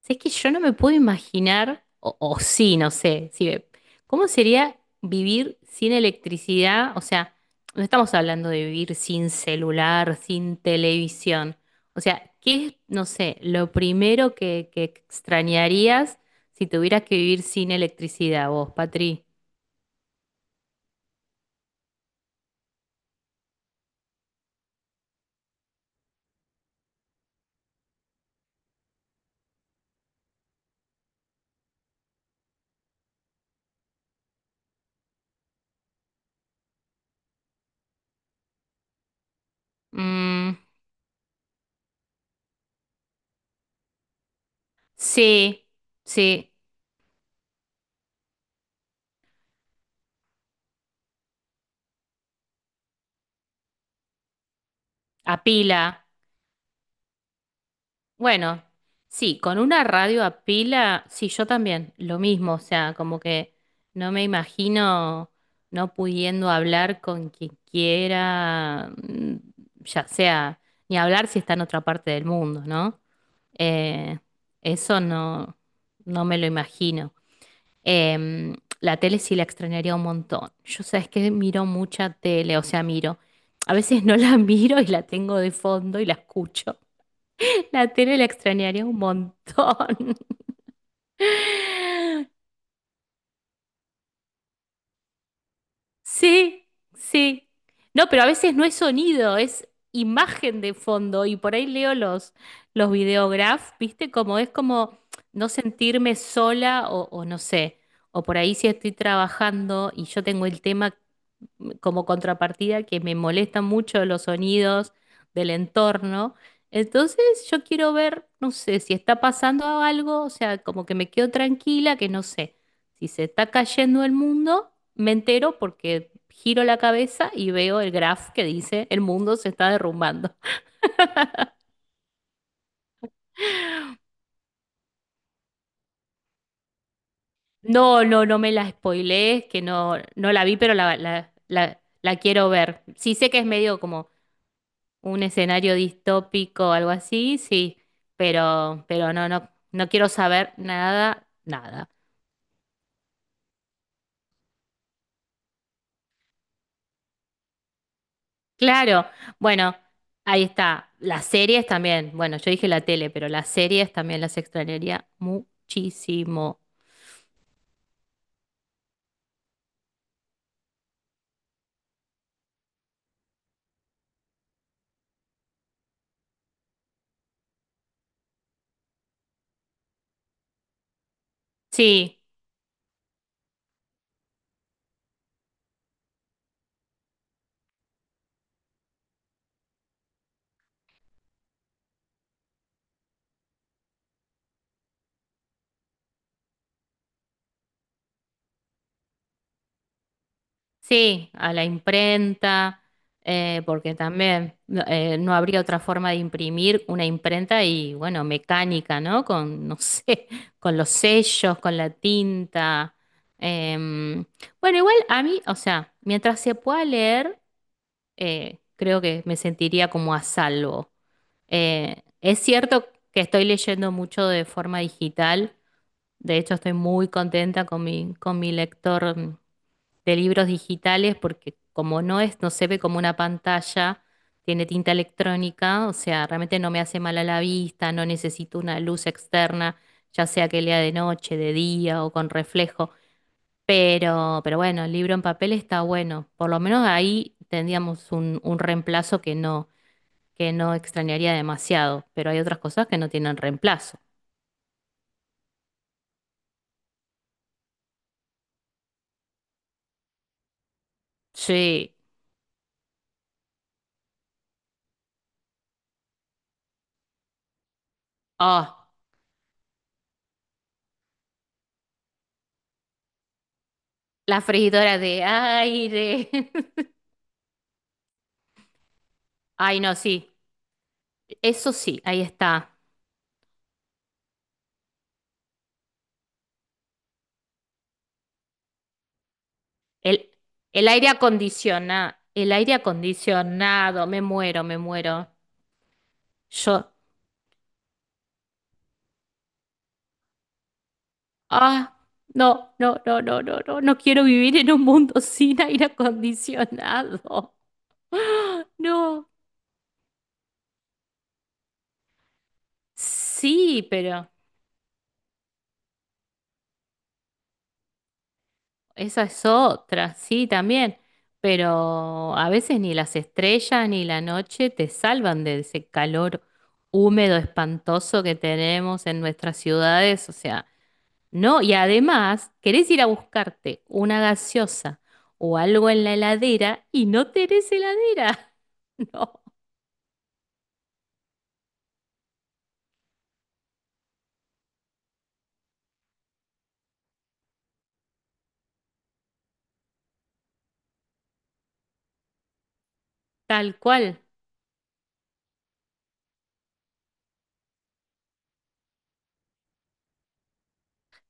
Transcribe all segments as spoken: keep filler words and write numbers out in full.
Si Es que yo no me puedo imaginar, o, o sí, no sé, sí, ve- ¿cómo sería vivir sin electricidad? O sea, no estamos hablando de vivir sin celular, sin televisión. O sea, ¿qué es, no sé, lo primero que, que extrañarías si tuvieras que vivir sin electricidad vos, Patri? Mm, sí, sí, a pila. Bueno, sí, con una radio a pila, sí, yo también, lo mismo, o sea, como que no me imagino no pudiendo hablar con quien quiera, mm, ya sea, ni hablar si está en otra parte del mundo, ¿no? Eh, eso no, no me lo imagino. Em, la tele sí la extrañaría un montón. Yo sabes que miro mucha tele, o sea, miro. A veces no la miro y la tengo de fondo y la escucho. La tele la extrañaría un montón. Sí, sí. No, pero a veces no es sonido, es imagen de fondo. Y por ahí leo los, los videograph, ¿viste? Como es como no sentirme sola o, o no sé. O por ahí si estoy trabajando y yo tengo el tema como contrapartida que me molestan mucho los sonidos del entorno. Entonces yo quiero ver, no sé, si está pasando algo, o sea, como que me quedo tranquila, que no sé, si se está cayendo el mundo, me entero porque giro la cabeza y veo el graph que dice el mundo se está derrumbando. No, no, no me la spoilees, que no, no la vi, pero la, la, la, la quiero ver. Sí sé que es medio como un escenario distópico algo así, sí, pero, pero no, no, no quiero saber nada, nada. Claro, bueno, ahí está. Las series también, bueno, yo dije la tele, pero las series también las extrañaría muchísimo. Sí. Sí, a la imprenta, eh, porque también no eh, no habría otra forma de imprimir una imprenta y bueno, mecánica, ¿no? Con, no sé, con los sellos, con la tinta. Em, bueno, igual a mí, o sea, mientras se pueda leer, eh, creo que me sentiría como a salvo. Eh, es cierto que estoy leyendo mucho de forma digital, de hecho estoy muy contenta con mi, con mi lector de libros digitales porque como no es, no se ve como una pantalla, tiene tinta electrónica, o sea, realmente no me hace mal a la vista, no necesito una luz externa, ya sea que lea de noche, de día o con reflejo. Pero, pero bueno, el libro en papel está bueno. Por lo menos ahí tendríamos un, un reemplazo que no, que no extrañaría demasiado. Pero hay otras cosas que no tienen reemplazo. Sí. Oh, la freidora de aire. Ay, no, sí. Eso sí, ahí está. El, el aire acondicionado, el aire acondicionado, me muero, me muero. Yo, ah, no, no, no, no, no, no, no quiero vivir en un mundo sin aire acondicionado. No, sí, pero esa es otra, sí, también. Pero a veces ni las estrellas ni la noche te salvan de ese calor húmedo espantoso que tenemos en nuestras ciudades, o sea. No, y además, querés ir a buscarte una gaseosa o algo en la heladera y no tenés heladera. No, tal cual.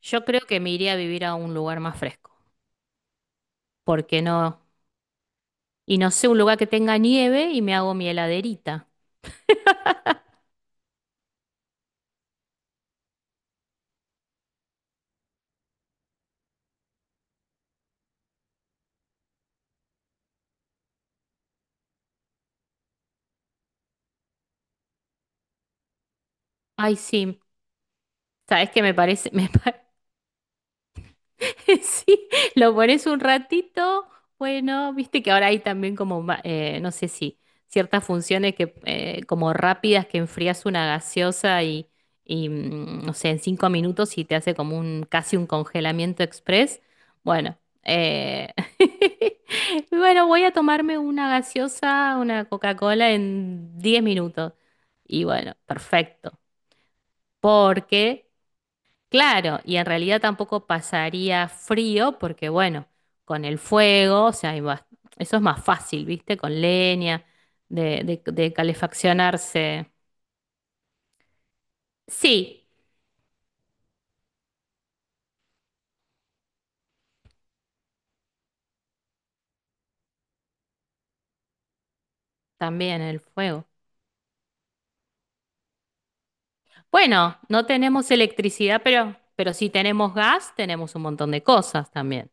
Yo creo que me iría a vivir a un lugar más fresco. Porque no? Y no sé, un lugar que tenga nieve y me hago mi heladerita. Ay, sí. ¿Sabes qué me parece? Me, pa- sí, lo pones un ratito. Bueno, viste que ahora hay también como, ma- eh, no sé si, ciertas funciones que, eh, como rápidas que enfrías una gaseosa y, y, mm, no sé, en cinco minutos y te hace como un, casi un congelamiento express. Bueno, eh, bueno, voy a tomarme una gaseosa, una Coca-Cola en diez minutos. Y bueno, perfecto. Porque claro, y en realidad tampoco pasaría frío porque, bueno, con el fuego, o sea, hay bas- eso es más fácil, ¿viste? Con leña, de, de, de calefaccionarse. Sí, también el fuego. Bueno, no tenemos electricidad, pero, pero si tenemos gas, tenemos un montón de cosas también.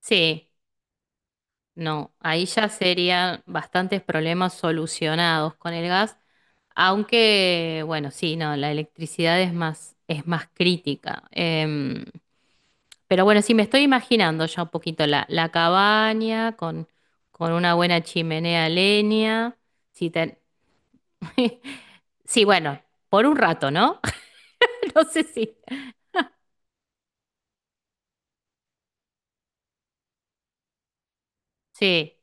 Sí, no, ahí ya serían bastantes problemas solucionados con el gas. Aunque, bueno, sí, no, la electricidad es más, es más crítica. Em, Pero bueno, sí me estoy imaginando ya un poquito la, la cabaña con, con una buena chimenea a leña. Sí, ten- sí, bueno, por un rato, ¿no? No sé si. Sí.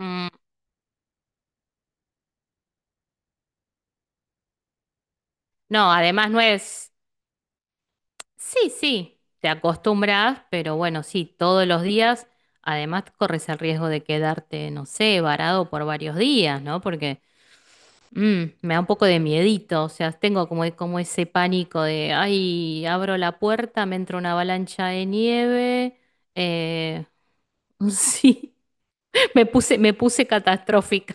Mm, no, además no es. Sí, sí, te acostumbras, pero bueno, sí, todos los días. Además, corres el riesgo de quedarte, no sé, varado por varios días, ¿no? Porque mm, me da un poco de miedito, o sea, tengo como, como ese pánico de, ay, abro la puerta, me entra una avalancha de nieve. eh, sí, me puse, me puse catastrófica.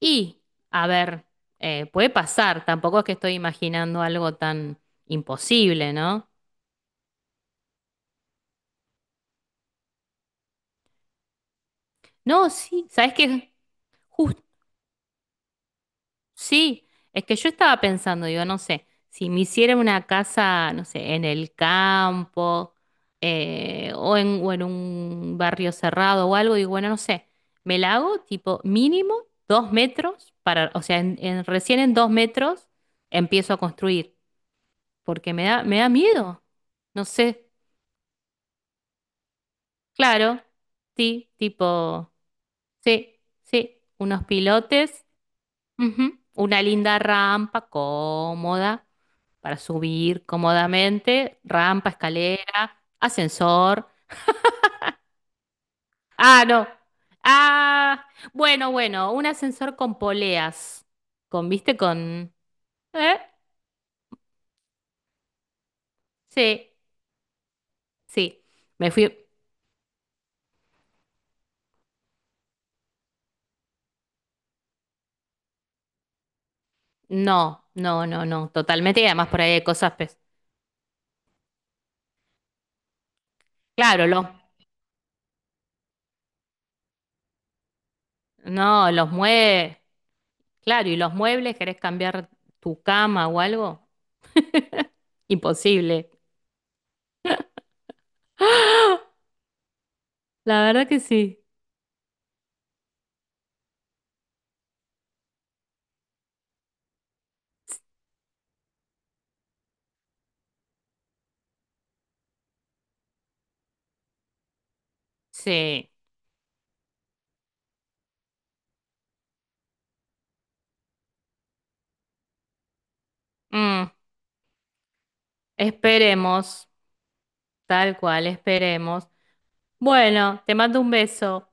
Y, a ver, eh, puede pasar, tampoco es que estoy imaginando algo tan imposible, ¿no? No, sí, ¿sabes qué? Jus- sí, es que yo estaba pensando, digo, no sé, si me hiciera una casa, no sé, en el campo eh, o en, o en un barrio cerrado o algo, digo, bueno, no sé, me la hago tipo mínimo dos metros para, o sea, en- en- recién en dos metros empiezo a construir, porque me da, me da miedo, no sé, claro, sí, tipo, sí, sí, unos pilotes. Ujú. Una linda rampa cómoda para subir cómodamente. Rampa, escalera, ascensor. Ah, no. Ah, bueno, bueno, un ascensor con poleas. Con, ¿viste? Con... ¿Eh? Sí, sí. Me fui... No, no, no, no. Totalmente. Y además por ahí hay cosas... pes- claro, los... no, los muebles... Claro, y los muebles, ¿querés cambiar tu cama o algo? Imposible. La verdad que sí. Sí. Mm, esperemos, tal cual, esperemos. Bueno, te mando un beso.